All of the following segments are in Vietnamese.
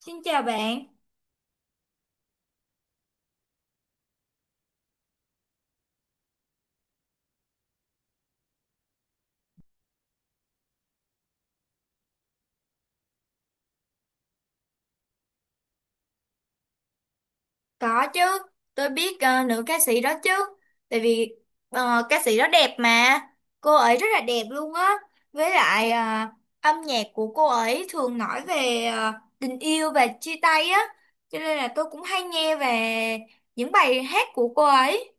Xin chào bạn, có chứ, tôi biết nữ ca sĩ đó chứ, tại vì ca sĩ đó đẹp mà, cô ấy rất là đẹp luôn á, với lại âm nhạc của cô ấy thường nói về tình yêu và chia tay á, cho nên là tôi cũng hay nghe về những bài hát của cô ấy.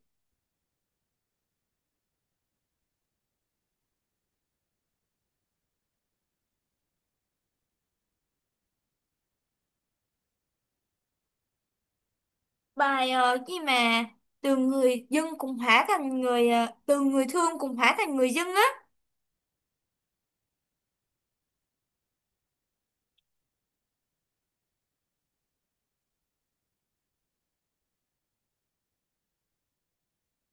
Bài gì mà từ người dưng cũng hóa thành người, từ người thương cũng hóa thành người dưng á.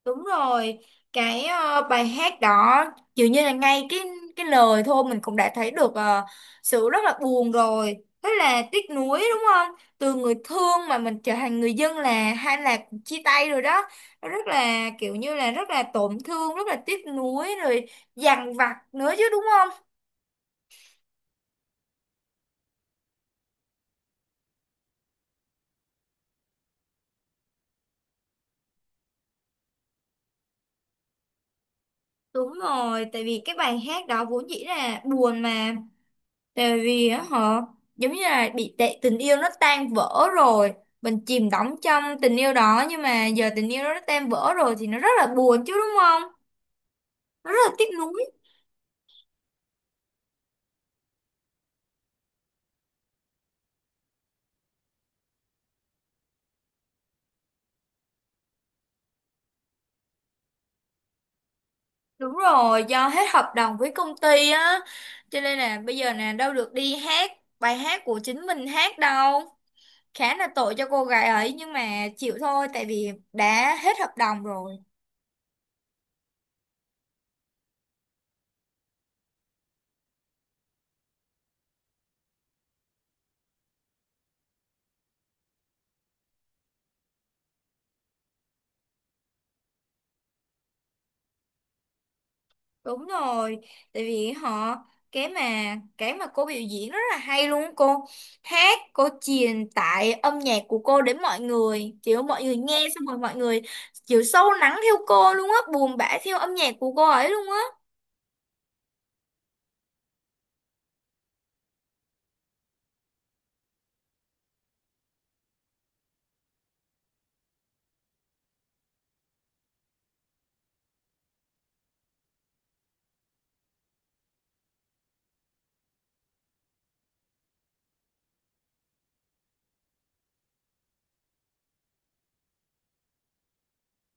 Đúng rồi, cái bài hát đó dường như là ngay cái lời thôi mình cũng đã thấy được sự rất là buồn rồi. Thế là tiếc nuối đúng không? Từ người thương mà mình trở thành người dân là hay là chia tay rồi đó. Nó rất là kiểu như là rất là tổn thương, rất là tiếc nuối rồi dằn vặt nữa chứ đúng không? Đúng rồi, tại vì cái bài hát đó vốn dĩ là buồn mà. Tại vì á họ giống như là bị tệ tình yêu nó tan vỡ rồi, mình chìm đắm trong tình yêu đó nhưng mà giờ tình yêu đó nó tan vỡ rồi thì nó rất là buồn chứ đúng không? Nó rất là tiếc nuối. Đúng rồi, do hết hợp đồng với công ty á, cho nên là bây giờ nè đâu được đi hát bài hát của chính mình hát đâu. Khá là tội cho cô gái ấy nhưng mà chịu thôi tại vì đã hết hợp đồng rồi. Đúng rồi, tại vì họ cái mà cái mà cô biểu diễn rất là hay luôn á, cô hát, cô truyền tải âm nhạc của cô đến mọi người, kiểu mọi người nghe xong rồi mọi người kiểu sâu lắng theo cô luôn á, buồn bã theo âm nhạc của cô ấy luôn á.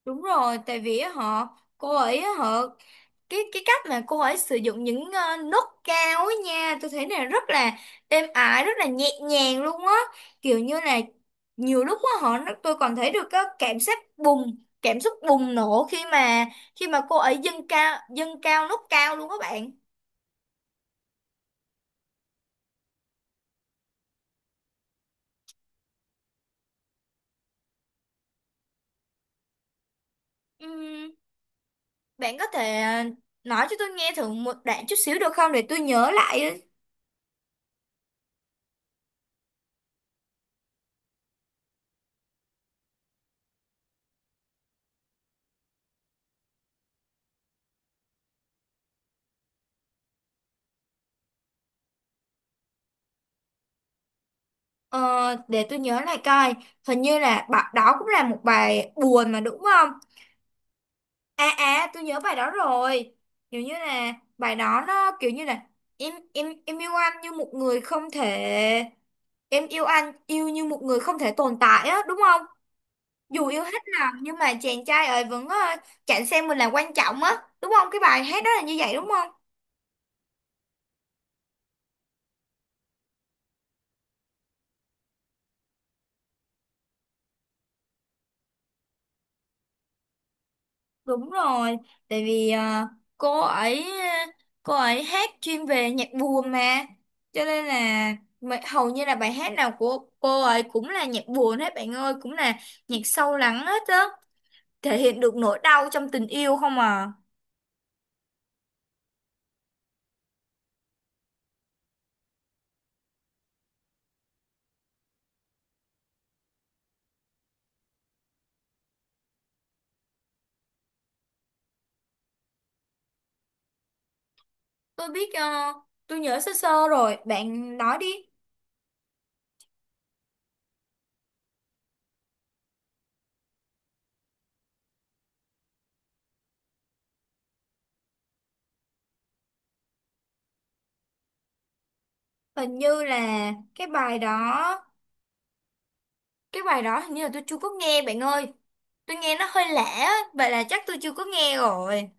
Đúng rồi, tại vì á họ cô ấy á, họ cái cách mà cô ấy sử dụng những nốt cao ấy nha, tôi thấy là rất là êm ái, rất là nhẹ nhàng luôn á. Kiểu như là nhiều lúc á họ tôi còn thấy được cái cảm giác bùng, cảm xúc bùng nổ khi mà cô ấy dâng cao nốt cao luôn các bạn. Ừm, bạn có thể nói cho tôi nghe thử một đoạn chút xíu được không để tôi nhớ lại? Ờ, để tôi nhớ lại coi, hình như là bạn đó cũng là một bài buồn mà đúng không? À, à, tôi nhớ bài đó rồi, kiểu như là bài đó nó kiểu như là em yêu anh như một người không thể em yêu anh yêu như một người không thể tồn tại á đúng không? Dù yêu hết lòng nhưng mà chàng trai ấy vẫn chẳng xem mình là quan trọng á, đúng không, cái bài hát đó là như vậy đúng không? Đúng rồi, tại vì cô ấy hát chuyên về nhạc buồn mà, cho nên là hầu như là bài hát nào của cô ấy cũng là nhạc buồn hết bạn ơi, cũng là nhạc sâu lắng hết á, thể hiện được nỗi đau trong tình yêu không à. Tôi biết, tôi nhớ sơ sơ rồi, bạn nói đi. Hình như là cái bài đó hình như là tôi chưa có nghe bạn ơi, tôi nghe nó hơi lạ á, vậy là chắc tôi chưa có nghe rồi.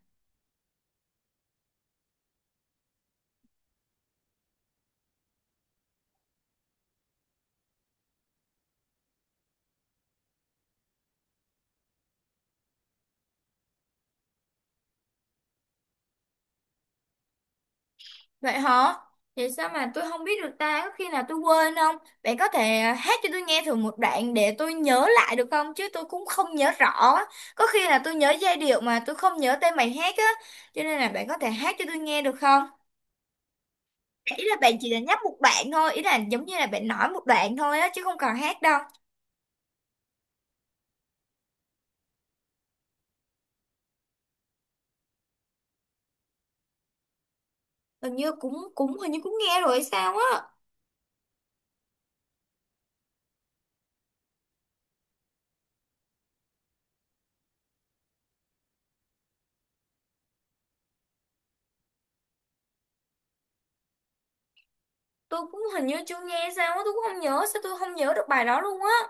Vậy hả? Vậy sao mà tôi không biết được ta? Có khi nào tôi quên không? Bạn có thể à, hát cho tôi nghe thử một đoạn để tôi nhớ lại được không? Chứ tôi cũng không nhớ rõ á. Có khi là tôi nhớ giai điệu mà tôi không nhớ tên bài hát á. Cho nên là bạn có thể hát cho tôi nghe được không? Ý là bạn chỉ là nhắc một đoạn thôi. Ý là giống như là bạn nói một đoạn thôi á. Chứ không cần hát đâu. Hình như cũng cũng hình như cũng nghe rồi hay sao á. Tôi cũng hình như chưa nghe sao á. Tôi cũng không nhớ. Sao tôi không nhớ được bài đó luôn á.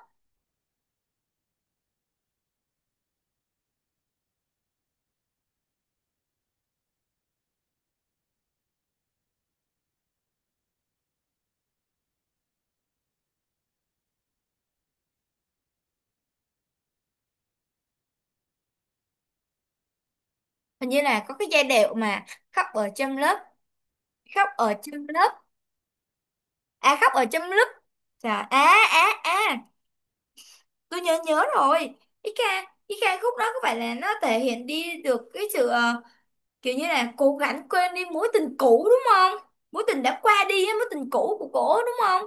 Hình như là có cái giai điệu mà khóc ở trong lớp. Khóc ở trong lớp, à khóc ở trong lúc. Trời, à, à, à, tôi nhớ nhớ rồi, cái ca cái ca khúc đó có phải là nó thể hiện đi được cái sự kiểu như là cố gắng quên đi mối tình cũ đúng không, mối tình đã qua đi á, mối tình cũ của cổ đúng không?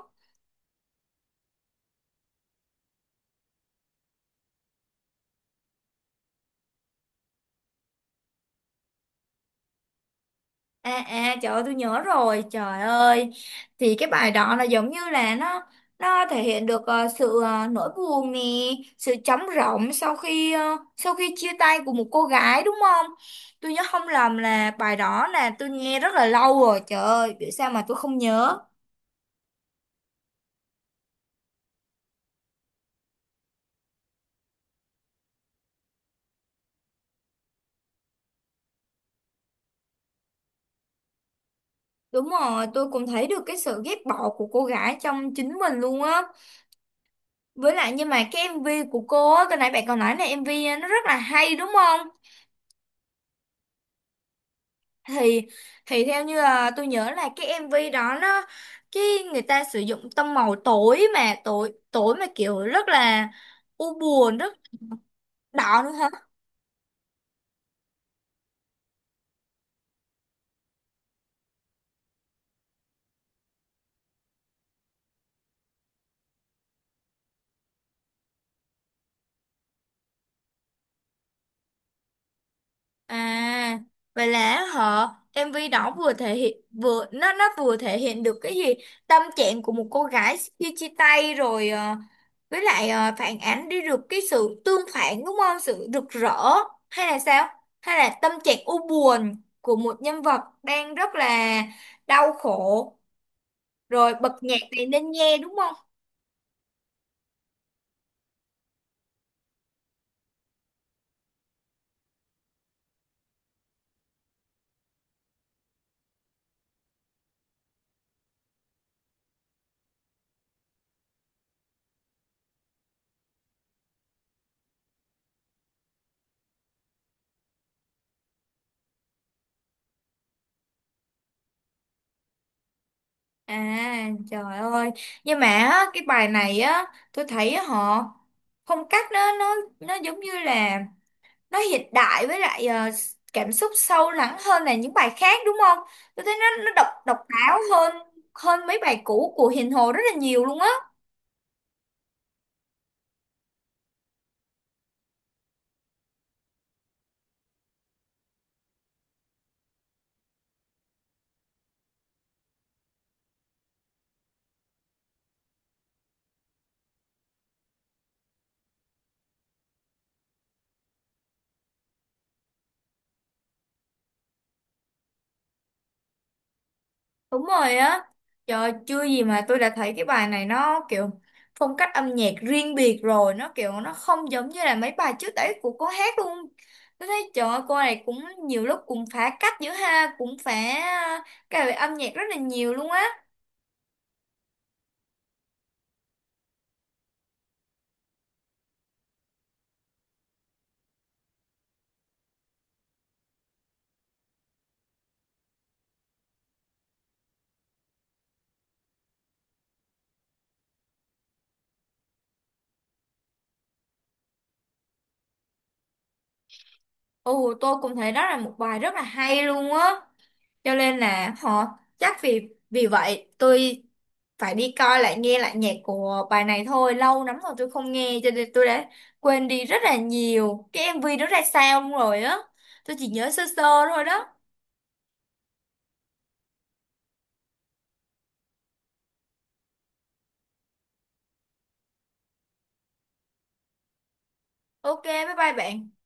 À, à, trời ơi tôi nhớ rồi, trời ơi thì cái bài đó là giống như là nó thể hiện được sự nỗi buồn nè, sự trống rỗng sau khi chia tay của một cô gái đúng không? Tôi nhớ không lầm là bài đó là tôi nghe rất là lâu rồi, trời ơi vì sao mà tôi không nhớ. Đúng rồi, tôi cũng thấy được cái sự ghét bỏ của cô gái trong chính mình luôn á. Với lại nhưng mà cái MV của cô á, cái nãy bạn còn nói là MV nó rất là hay đúng không? Thì thì theo như là tôi nhớ là cái MV đó nó cái người ta sử dụng tông màu tối tối mà kiểu rất là u buồn, rất đỏ nữa hả? À, vậy là họ MV đó vừa thể hiện vừa nó vừa thể hiện được cái gì, tâm trạng của một cô gái khi chia tay rồi với lại phản ánh đi được cái sự tương phản đúng không? Sự rực rỡ hay là sao? Hay là tâm trạng u buồn của một nhân vật đang rất là đau khổ rồi bật nhạc này nên nghe đúng không? À trời ơi, nhưng mà á, cái bài này á tôi thấy á, họ phong cách nó giống như là nó hiện đại với lại cảm xúc sâu lắng hơn là những bài khác đúng không? Tôi thấy nó độc độc đáo hơn hơn mấy bài cũ của Hiền Hồ rất là nhiều luôn á. Đúng rồi á. Trời chưa gì mà tôi đã thấy cái bài này nó kiểu phong cách âm nhạc riêng biệt rồi, nó kiểu nó không giống như là mấy bài trước đấy của cô hát luôn. Tôi thấy trời ơi, cô này cũng nhiều lúc cũng phá cách giữa ha, cũng phá ờ, cái về âm nhạc rất là nhiều luôn á. Ồ, tôi cũng thấy đó là một bài rất là hay luôn á. Cho nên là họ chắc vì vì vậy tôi phải đi coi lại nghe lại nhạc của bài này thôi. Lâu lắm rồi tôi không nghe cho nên tôi đã quên đi rất là nhiều. Cái MV đó ra sao luôn rồi á. Tôi chỉ nhớ sơ sơ thôi đó. Ok, bye bye bạn.